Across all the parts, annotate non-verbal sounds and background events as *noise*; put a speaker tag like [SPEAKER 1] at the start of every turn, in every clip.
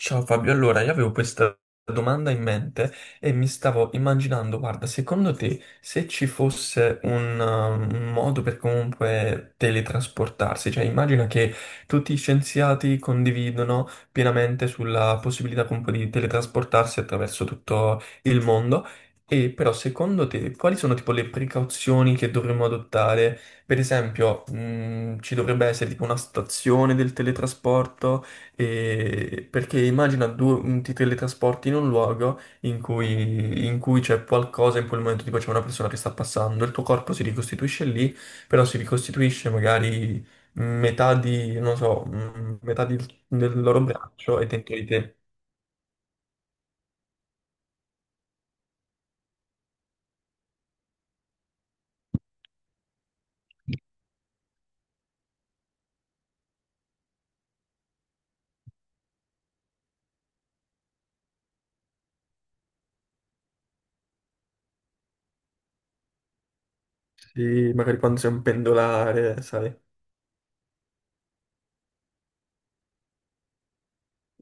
[SPEAKER 1] Ciao Fabio, allora io avevo questa domanda in mente e mi stavo immaginando, guarda, secondo te se ci fosse un modo per comunque teletrasportarsi, cioè immagina che tutti gli scienziati condividono pienamente sulla possibilità comunque di teletrasportarsi attraverso tutto il mondo, e però secondo te quali sono tipo le precauzioni che dovremmo adottare? Per esempio, ci dovrebbe essere tipo una stazione del teletrasporto? Perché immagina due, ti teletrasporti in un luogo in cui c'è qualcosa in quel momento, tipo c'è una persona che sta passando, il tuo corpo si ricostituisce lì, però si ricostituisce magari metà di, non so, del loro braccio è dentro di te. Sì, magari quando sei un pendolare, sai.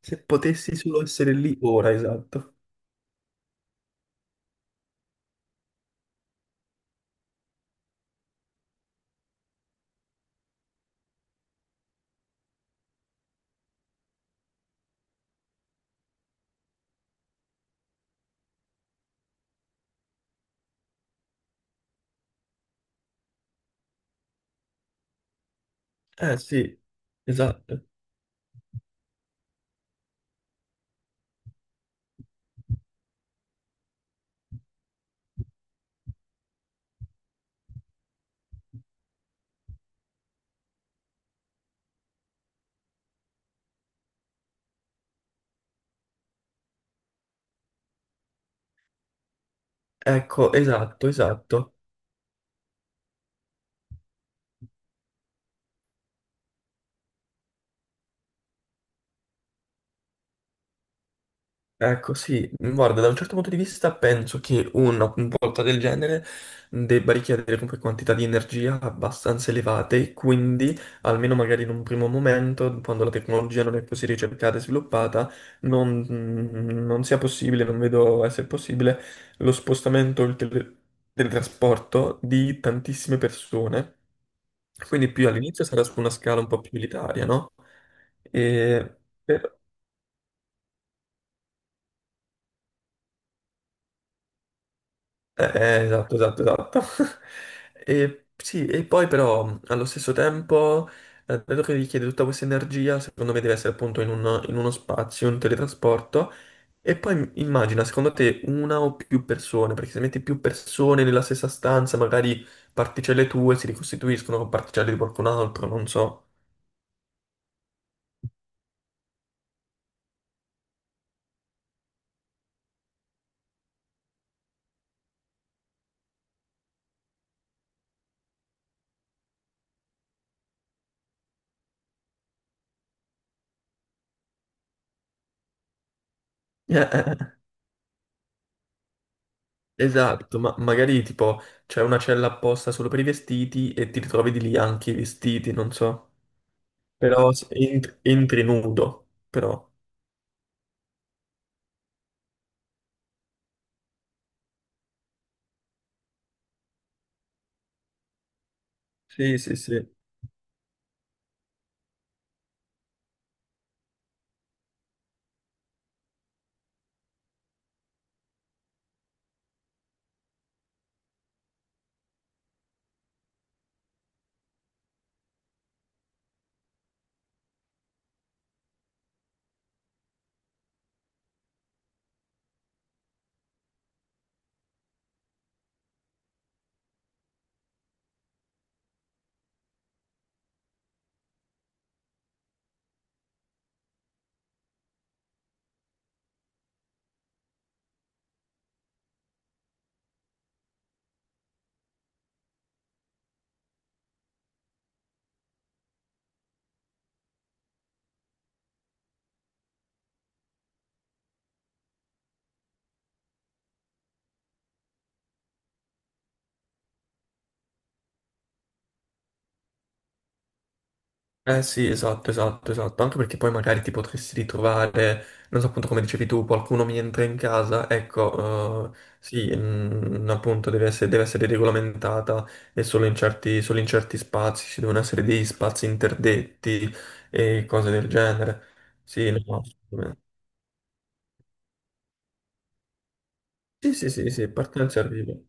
[SPEAKER 1] Se potessi solo essere lì ora, esatto. Eh sì, esatto. Ecco, esatto, esatto. Ecco, sì, guarda, da un certo punto di vista penso che una volta del genere debba richiedere comunque quantità di energia abbastanza elevate, e quindi, almeno magari in un primo momento, quando la tecnologia non è così ricercata e sviluppata, non sia possibile, non vedo essere possibile, lo spostamento del trasporto di tantissime persone. Quindi più all'inizio sarà su una scala un po' più elitaria, no? E per- esatto, esatto, esatto. *laughs* E, sì, e poi però allo stesso tempo, dato che richiede tutta questa energia, secondo me deve essere appunto in uno spazio, un teletrasporto. E poi immagina, secondo te, una o più persone, perché se metti più persone nella stessa stanza, magari particelle tue si ricostituiscono con particelle di qualcun altro, non so. *laughs* Eh. Esatto, ma magari tipo c'è una cella apposta solo per i vestiti e ti ritrovi di lì anche i vestiti, non so. Però entri nudo, però. Sì, sì, sì. Eh sì, esatto, esatto, esatto. Anche perché poi magari ti potresti ritrovare, non so appunto come dicevi tu, qualcuno mi entra in casa, ecco, sì, appunto deve essere regolamentata e solo in certi spazi, ci devono essere degli spazi interdetti e cose del genere. Sì, no, assolutamente. Sì, sì, sì, sì, partenza e arrivo.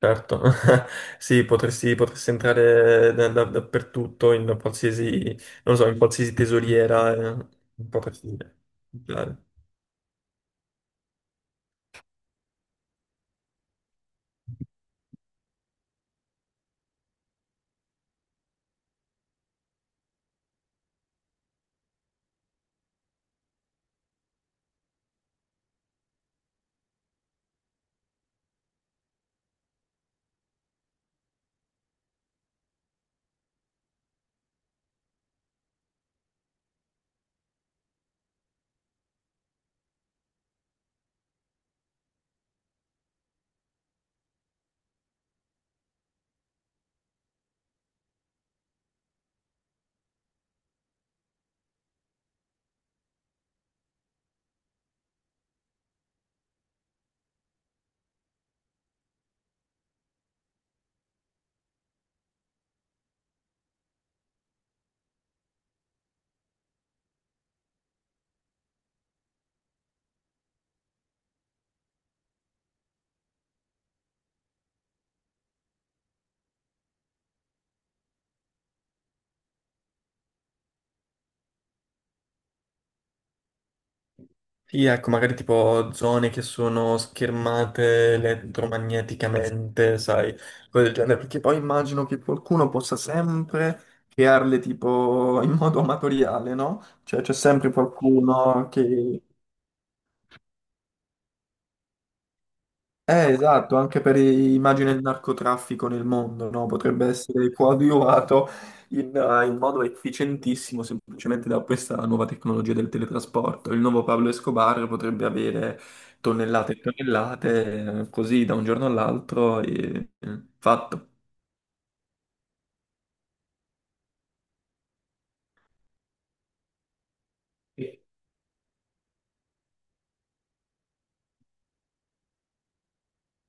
[SPEAKER 1] Certo, *laughs* sì, potresti entrare dappertutto, in qualsiasi, non so, in qualsiasi tesoriera, potresti entrare. Sì, ecco, magari tipo zone che sono schermate elettromagneticamente, sai, cose del genere, perché poi immagino che qualcuno possa sempre crearle tipo in modo amatoriale, no? Cioè c'è sempre qualcuno che eh, esatto, anche immagine il narcotraffico nel mondo, no? Potrebbe essere coadiuvato in modo efficientissimo semplicemente da questa nuova tecnologia del teletrasporto. Il nuovo Pablo Escobar potrebbe avere tonnellate e tonnellate, così da un giorno all'altro, e fatto.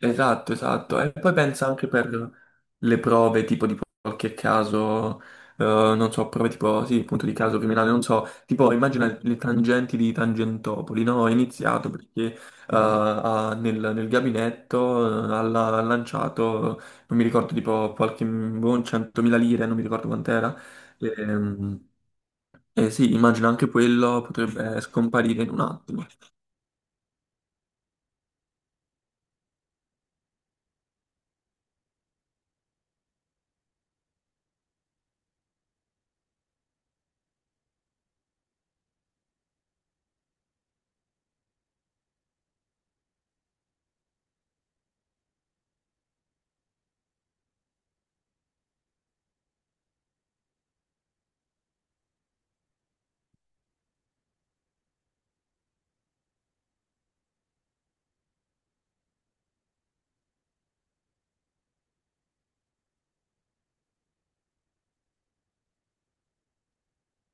[SPEAKER 1] Esatto, esatto. E poi pensa anche per le prove, tipo di qualche caso, non so, prove tipo, sì, appunto di caso criminale, non so, tipo immagina le tangenti di Tangentopoli, no? Ho iniziato perché nel gabinetto ha lanciato, non mi ricordo, tipo qualche buon 100.000 lire, non mi ricordo quant'era. E, e sì, immagino anche quello potrebbe scomparire in un attimo.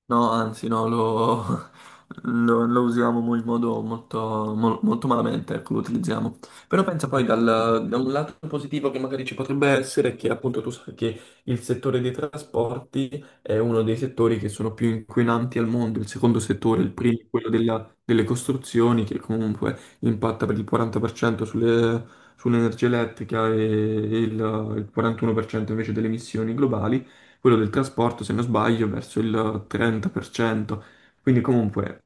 [SPEAKER 1] No, anzi, no, lo usiamo in modo molto, molto malamente, ecco, lo utilizziamo. Però pensa poi da un lato positivo che magari ci potrebbe essere è che appunto tu sai che il settore dei trasporti è uno dei settori che sono più inquinanti al mondo, il secondo settore, il primo, è quello delle costruzioni, che comunque impatta per il 40% sull'energia elettrica e il 41% invece delle emissioni globali quello del trasporto, se non sbaglio, verso il 30%. Quindi comunque,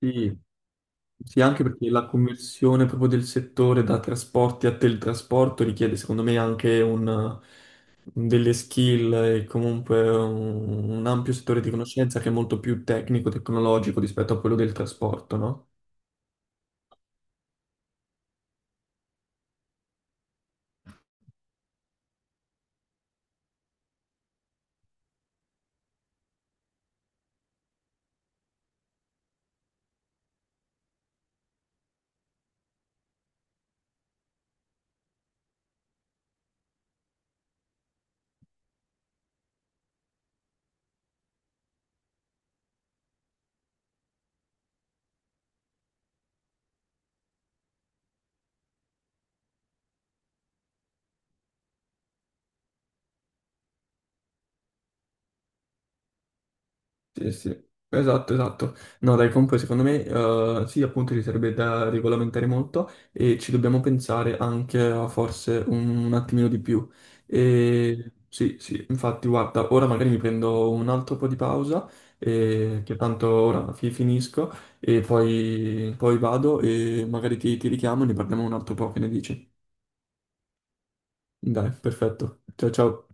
[SPEAKER 1] sì, sì, anche perché la conversione proprio del settore da trasporti a teletrasporto richiede, secondo me, anche un, delle skill e comunque un ampio settore di conoscenza che è molto più tecnico, tecnologico rispetto a quello del trasporto, no? Sì, sì, esatto, esatto. No, dai, comunque secondo me sì, appunto ci sarebbe da regolamentare molto e ci dobbiamo pensare anche a forse un attimino di più. E, sì, sì, infatti, guarda, ora magari mi prendo un altro po' di pausa, che tanto ora finisco e poi, poi vado e magari ti richiamo e ne parliamo un altro po', che ne dici? Dai, perfetto. Ciao, ciao.